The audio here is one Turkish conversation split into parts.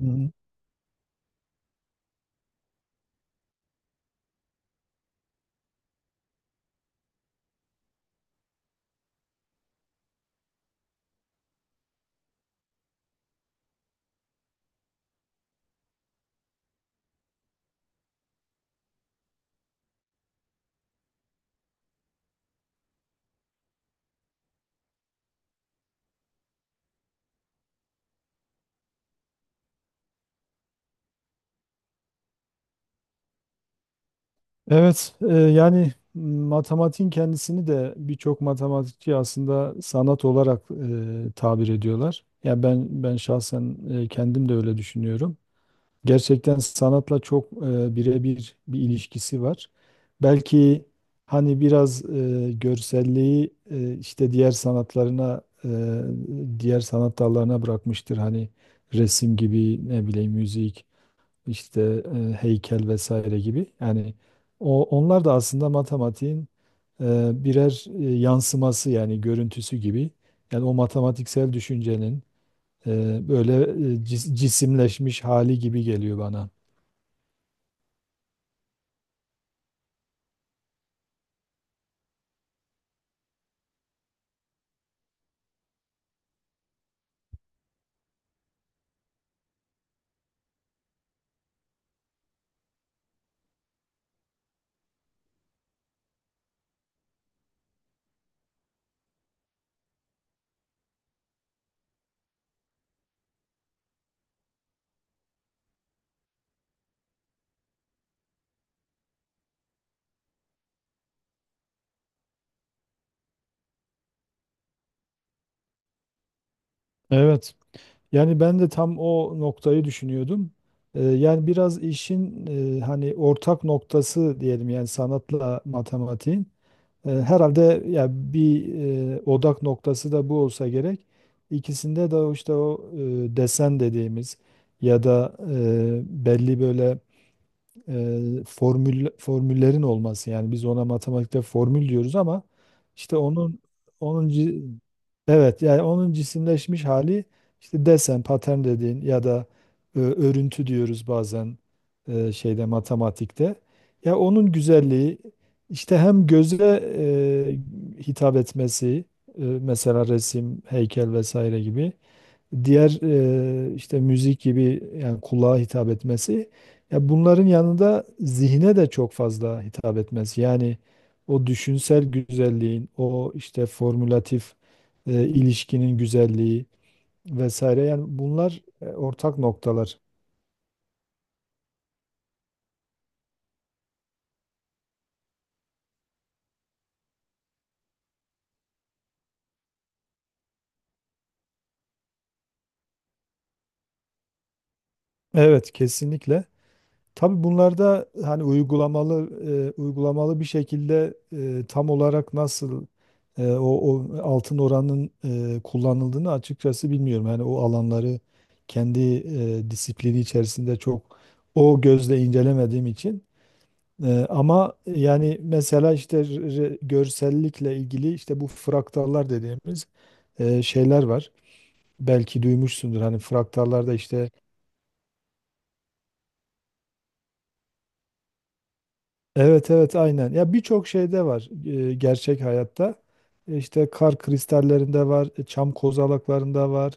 Hmm. Evet, yani matematiğin kendisini de birçok matematikçi aslında sanat olarak tabir ediyorlar. Ya ben şahsen kendim de öyle düşünüyorum. Gerçekten sanatla çok birebir bir ilişkisi var. Belki hani biraz görselliği işte diğer sanatlarına, diğer sanat dallarına bırakmıştır. Hani resim gibi, ne bileyim, müzik. İşte heykel vesaire gibi. Yani onlar da aslında matematiğin birer yansıması yani görüntüsü gibi. Yani o matematiksel düşüncenin böyle cisimleşmiş hali gibi geliyor bana. Evet. Yani ben de tam o noktayı düşünüyordum. Yani biraz işin hani ortak noktası diyelim, yani sanatla matematiğin. Herhalde ya bir odak noktası da bu olsa gerek. İkisinde de o işte o desen dediğimiz ya da belli böyle formüllerin olması, yani biz ona matematikte formül diyoruz ama işte onun onun ci- evet, yani onun cisimleşmiş hali, işte desen, patern dediğin ya da örüntü diyoruz bazen şeyde, matematikte. Ya onun güzelliği, işte hem göze hitap etmesi, mesela resim, heykel vesaire gibi diğer işte müzik gibi, yani kulağa hitap etmesi, ya bunların yanında zihne de çok fazla hitap etmesi. Yani o düşünsel güzelliğin, o işte formülatif ilişkinin güzelliği vesaire, yani bunlar ortak noktalar. Evet, kesinlikle. Tabii bunlarda hani uygulamalı bir şekilde tam olarak nasıl o altın oranın kullanıldığını açıkçası bilmiyorum. Yani o alanları kendi disiplini içerisinde çok o gözle incelemediğim için. Ama yani mesela işte görsellikle ilgili, işte bu fraktallar dediğimiz şeyler var. Belki duymuşsundur, hani fraktallarda işte. Evet, evet, aynen. Ya birçok şeyde var gerçek hayatta. İşte kar kristallerinde var, çam kozalaklarında var.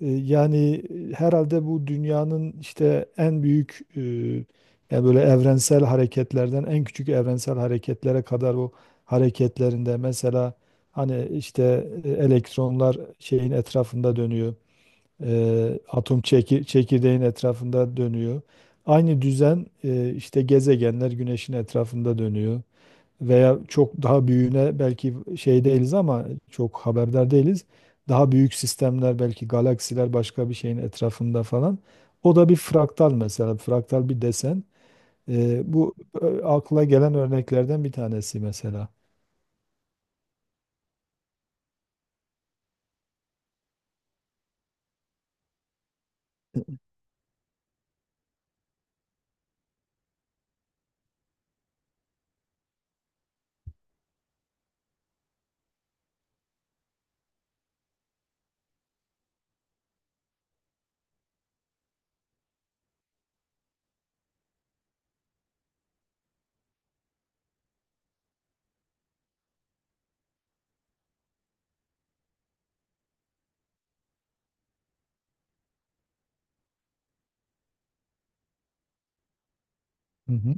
Yani herhalde bu dünyanın işte en büyük yani böyle evrensel hareketlerden en küçük evrensel hareketlere kadar o hareketlerinde, mesela hani işte elektronlar şeyin etrafında dönüyor. Atom çekirdeğin etrafında dönüyor. Aynı düzen, işte gezegenler güneşin etrafında dönüyor. Veya çok daha büyüğüne belki şey değiliz, ama çok haberdar değiliz. Daha büyük sistemler, belki galaksiler başka bir şeyin etrafında falan. O da bir fraktal mesela. Fraktal bir desen. Bu akla gelen örneklerden bir tanesi mesela. Hı hı.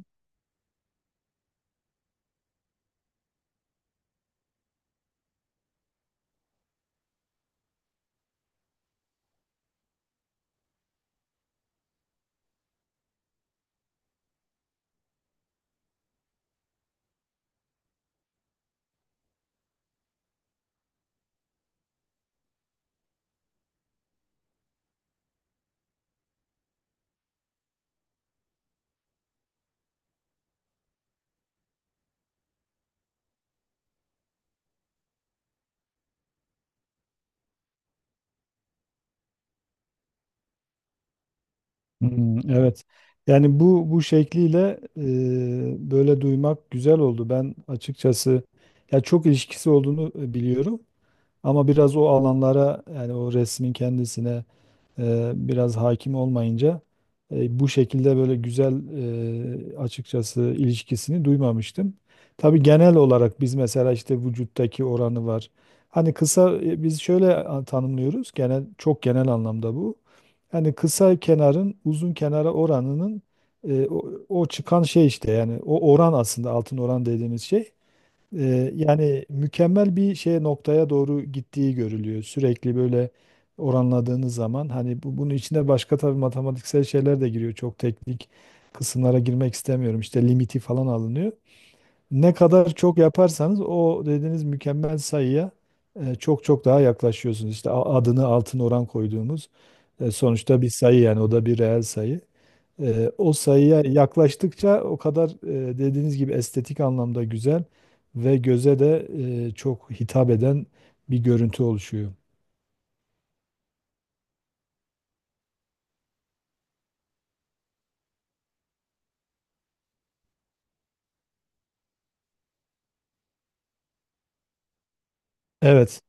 Hmm, evet. Yani bu şekliyle böyle duymak güzel oldu. Ben açıkçası ya çok ilişkisi olduğunu biliyorum, ama biraz o alanlara, yani o resmin kendisine biraz hakim olmayınca bu şekilde böyle güzel açıkçası ilişkisini duymamıştım. Tabii genel olarak biz, mesela işte vücuttaki oranı var. Hani kısa, biz şöyle tanımlıyoruz genel, çok genel anlamda bu. Yani kısa kenarın uzun kenara oranının o çıkan şey, işte yani o oran aslında altın oran dediğimiz şey. Yani mükemmel bir şeye, noktaya doğru gittiği görülüyor. Sürekli böyle oranladığınız zaman hani bunun içinde başka tabii matematiksel şeyler de giriyor. Çok teknik kısımlara girmek istemiyorum. İşte limiti falan alınıyor. Ne kadar çok yaparsanız o dediğiniz mükemmel sayıya çok çok daha yaklaşıyorsunuz. İşte adını altın oran koyduğumuz, sonuçta bir sayı, yani o da bir reel sayı. O sayıya yaklaştıkça o kadar, dediğiniz gibi estetik anlamda güzel ve göze de çok hitap eden bir görüntü oluşuyor. Evet,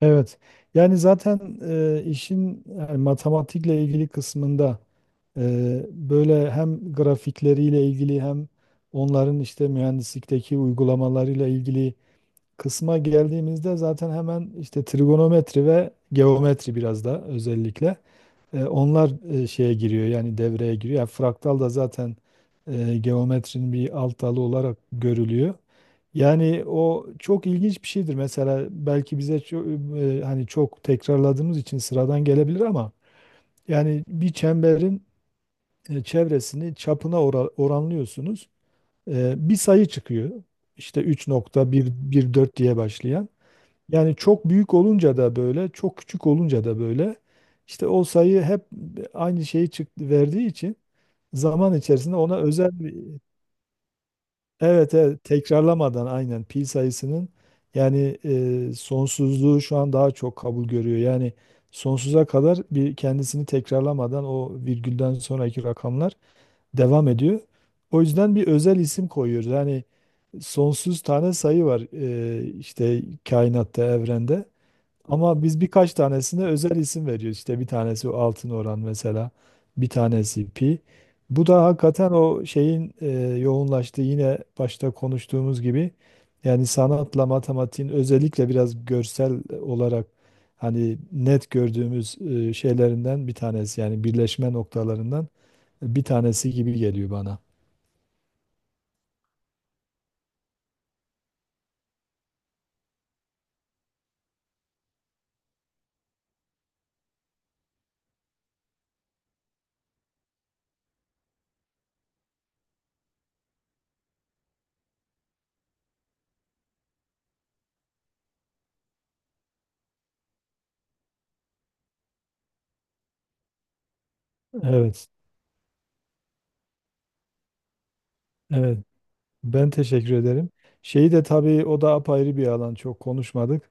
evet. Yani zaten, işin yani matematikle ilgili kısmında, böyle hem grafikleriyle ilgili hem onların işte mühendislikteki uygulamalarıyla ilgili kısma geldiğimizde zaten hemen işte trigonometri ve geometri biraz da, özellikle. Onlar şeye giriyor, yani devreye giriyor. Yani fraktal da zaten geometrinin bir alt dalı olarak görülüyor. Yani o çok ilginç bir şeydir. Mesela belki bize hani çok tekrarladığımız için sıradan gelebilir, ama yani bir çemberin çevresini çapına oranlıyorsunuz. Bir sayı çıkıyor. İşte 3.114 diye başlayan. Yani çok büyük olunca da böyle, çok küçük olunca da böyle, işte o sayı hep aynı şeyi, çıktı verdiği için zaman içerisinde ona özel bir-. Evet, evet, tekrarlamadan, aynen, pi sayısının yani sonsuzluğu şu an daha çok kabul görüyor. Yani sonsuza kadar bir kendisini tekrarlamadan o virgülden sonraki rakamlar devam ediyor. O yüzden bir özel isim koyuyoruz. Yani sonsuz tane sayı var işte kainatta, evrende. Ama biz birkaç tanesine özel isim veriyoruz. İşte bir tanesi altın oran mesela, bir tanesi pi. Bu da hakikaten o şeyin yoğunlaştığı, yine başta konuştuğumuz gibi, yani sanatla matematiğin özellikle biraz görsel olarak hani net gördüğümüz şeylerinden bir tanesi, yani birleşme noktalarından bir tanesi gibi geliyor bana. Evet, evet. Ben teşekkür ederim. Şeyi de tabii, o da apayrı bir alan, çok konuşmadık.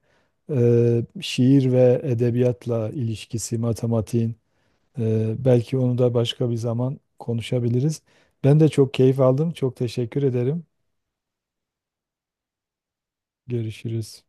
Şiir ve edebiyatla ilişkisi, matematiğin. Belki onu da başka bir zaman konuşabiliriz. Ben de çok keyif aldım. Çok teşekkür ederim. Görüşürüz.